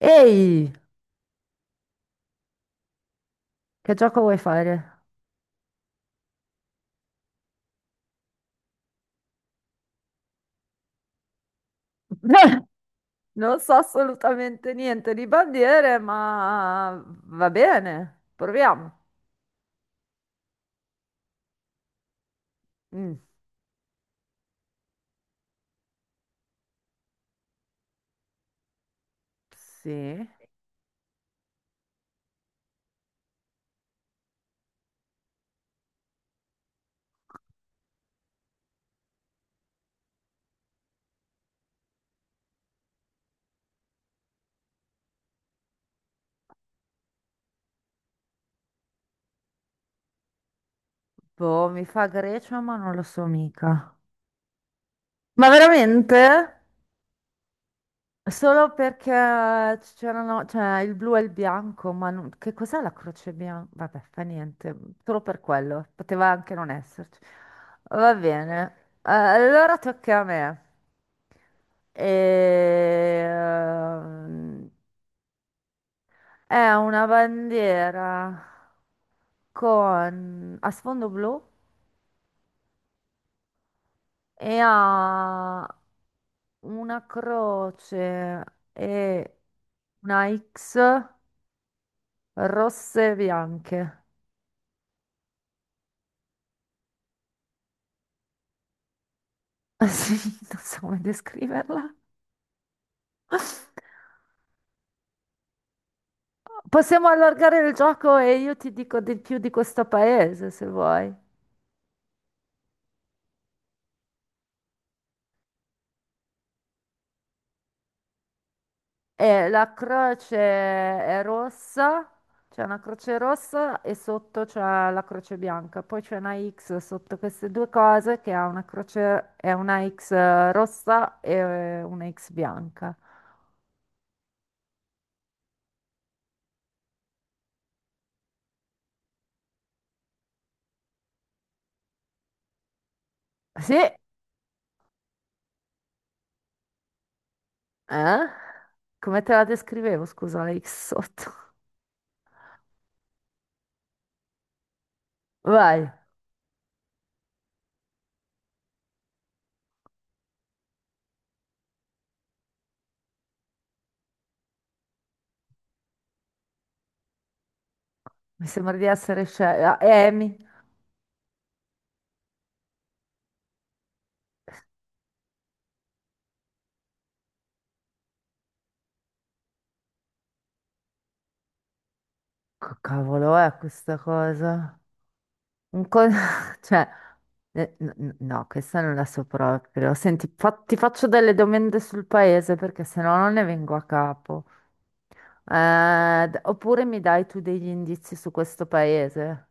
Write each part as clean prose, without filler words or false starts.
Ehi, che gioco vuoi fare? Non so assolutamente niente di bandiere, ma va bene, proviamo. Mm, sì. Boh, mi fa Grecia, ma non lo so mica. Ma veramente? Solo perché c'erano, cioè il blu e il bianco, ma che cos'è la croce bianca? Vabbè, fa niente, solo per quello, poteva anche non esserci. Va bene. Allora tocca a me. Ehm, È una bandiera con... a sfondo blu e ha una croce e una X. Rosse e bianche. Sì, non so come descriverla. Possiamo allargare il gioco e io ti dico di più di questo paese, se vuoi. E la croce è rossa, c'è una croce rossa e sotto c'è la croce bianca. Poi c'è una X sotto queste due cose che ha una croce, è una X rossa e una X bianca. Sì, eh? Come te la descrivevo, scusa, la X sotto. Vai. Mi sembra di essere scelta. Amy, che cavolo è questa cosa? Un co- cioè, no, questa non la so proprio. Senti, ti faccio delle domande sul paese perché sennò non ne vengo a capo. Oppure mi dai tu degli indizi su questo paese?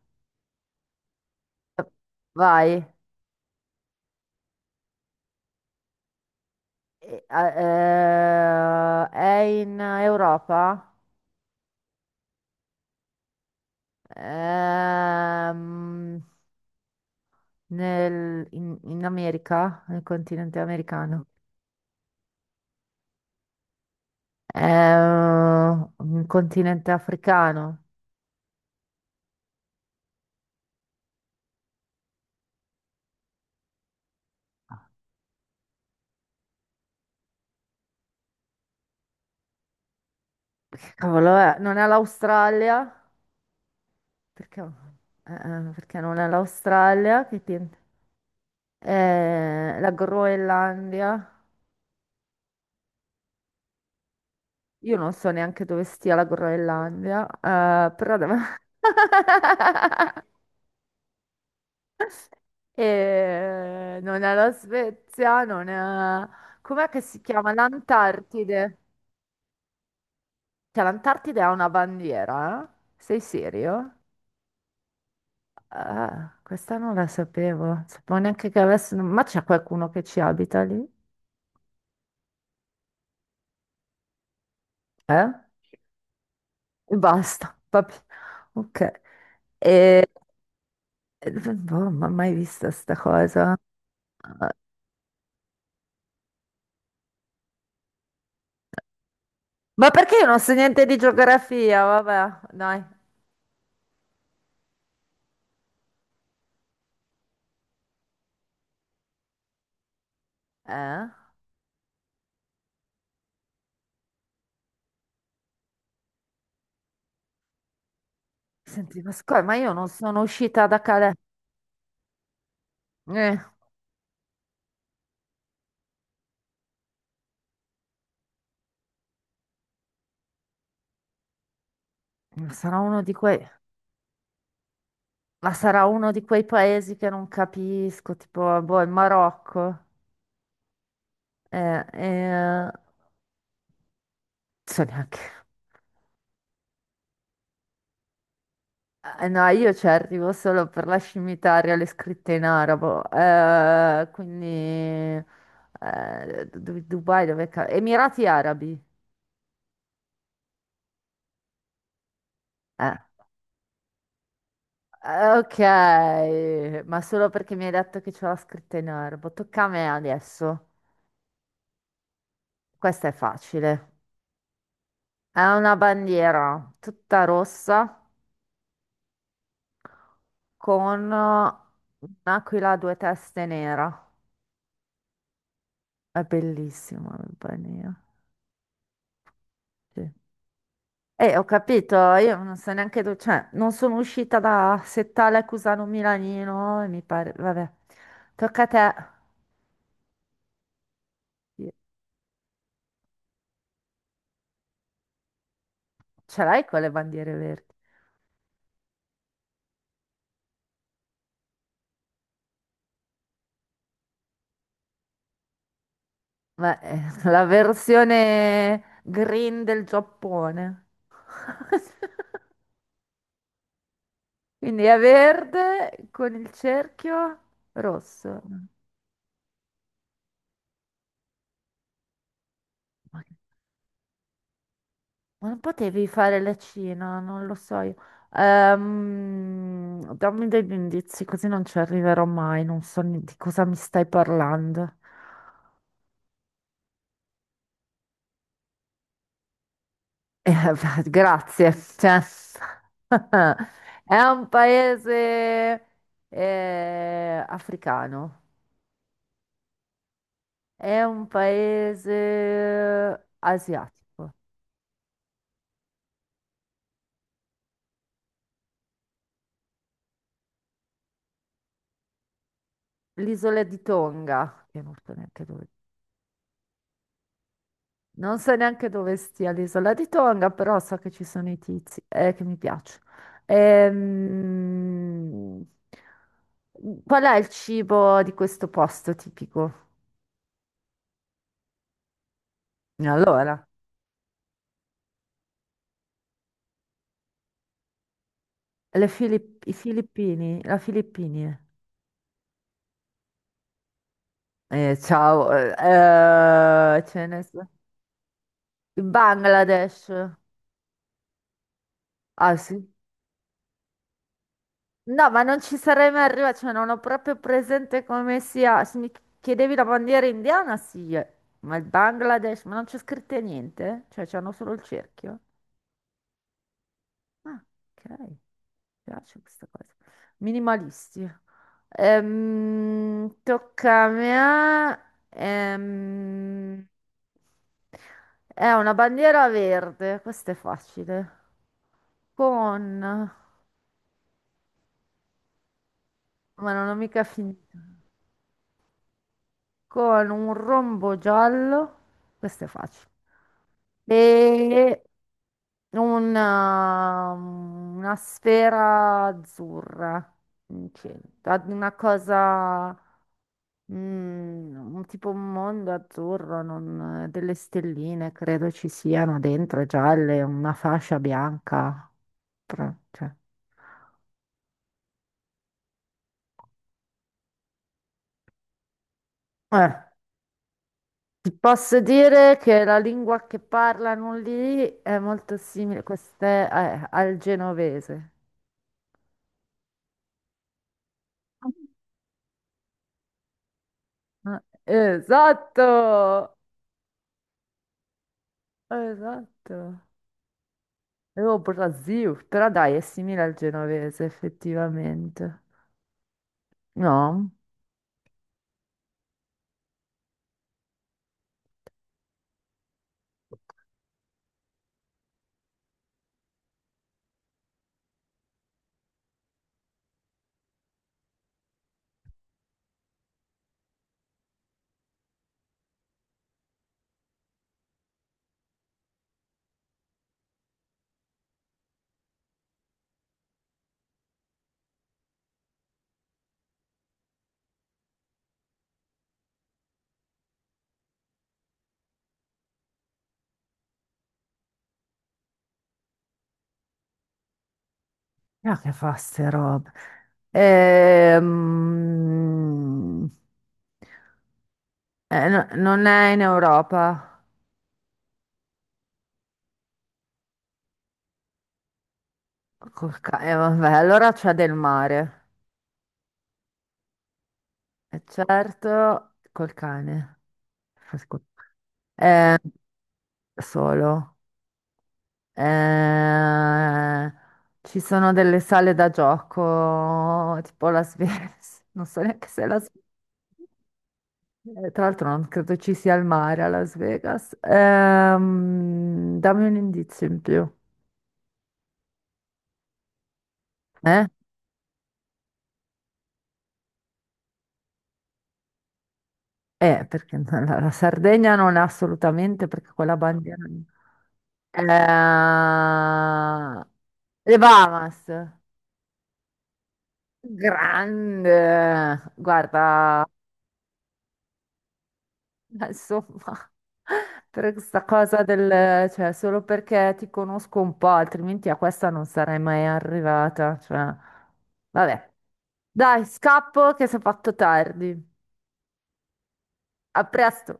Vai. È in Europa? Ehm, in America? Nel continente americano? È un continente africano. Che cavolo è? Non è l'Australia? Perché, eh, perché non è l'Australia? La Groenlandia? Io non so neanche dove stia la Groenlandia, non è la Svezia, non è... Com'è che si chiama? L'Antartide. Cioè, l'Antartide ha una bandiera? Eh? Sei serio? Ah, questa non la sapevo, non sapevo neanche che avessero, ma c'è qualcuno che ci abita lì? Eh? E basta, va bene. Ok. E... boh, ma mai vista sta cosa? Ah, ma perché io non so niente di geografia? Vabbè, dai. Eh? Senti, ma scusa, ma io non sono uscita da Calais. Eh, ma sarà uno di quei... Ma sarà uno di quei paesi che non capisco, tipo, boh, il Marocco. Non so neanche. No, io ci arrivo solo per la scimmitaria, le scritte in arabo. Quindi Dubai, Emirati Arabi. Eh, ok, ma solo perché mi hai detto che c'è la scritta in arabo. Tocca a me adesso. Questa è facile. È una bandiera tutta rossa con un'aquila a due teste nera. È bellissima la bandiera. Sì. Ho capito, io non so neanche dove, cioè, non sono uscita da Settale a Cusano Milanino e mi pare, vabbè, tocca a te. Io- Ce l'hai con le bandiere verdi? Ma la versione green del Giappone. Quindi è verde con il cerchio rosso. Ma che Ma non potevi fare l'accino, non lo so io. Dammi degli indizi, così non ci arriverò mai, non so ne- di cosa mi stai parlando. Eh, beh, grazie. Cioè, è un paese africano, è un paese asiatico. L'isola di Tonga, che non so neanche dove Non so neanche dove stia l'isola di Tonga, però so che ci sono i tizi, che mi piace. Ehm, Qual è il cibo di questo posto tipico? Allora, i filippini, la Filippini. Ciao, il Bangladesh. Ah sì? No, ma non ci sarei mai arrivata, cioè non ho proprio presente come sia. Se mi chiedevi la bandiera indiana, sì, eh. Ma il Bangladesh, ma non c'è scritto niente? Cioè c'hanno solo il cerchio? Ah, ok, mi piace questa cosa. Minimalisti. Tocca a me. Ehm, è una bandiera verde, questa è facile. Con... Ma non ho mica finito. Con un rombo giallo, questo è facile, e una sfera azzurra in centro, ad una cosa, mm, un tipo un mondo azzurro, delle stelline credo ci siano dentro, gialle, una fascia bianca, però, eh. Ti posso dire che la lingua che parlano lì è molto simile, al genovese. Ah, esatto, esatto. E oh, Brasil, però dai, è simile al genovese, effettivamente. No? Ah, che fa ste robe? Ehm, non è in Europa. Vabbè, allora c'è del mare. E certo, col cane. Fa scu- Eh, solo. Eh, ci sono delle sale da gioco, tipo la Vegas. Non so neanche se la tra l'altro non credo ci sia il mare a Las Vegas. Dammi un indizio in più. Eh? Perché no, la Sardegna non è assolutamente perché quella bandiera... lì. Eh, le Bahamas. Grande, guarda, insomma, per questa cosa del, cioè, solo perché ti conosco un po', altrimenti a questa non sarei mai arrivata, cioè, vabbè. Dai, scappo che si è fatto tardi. A presto.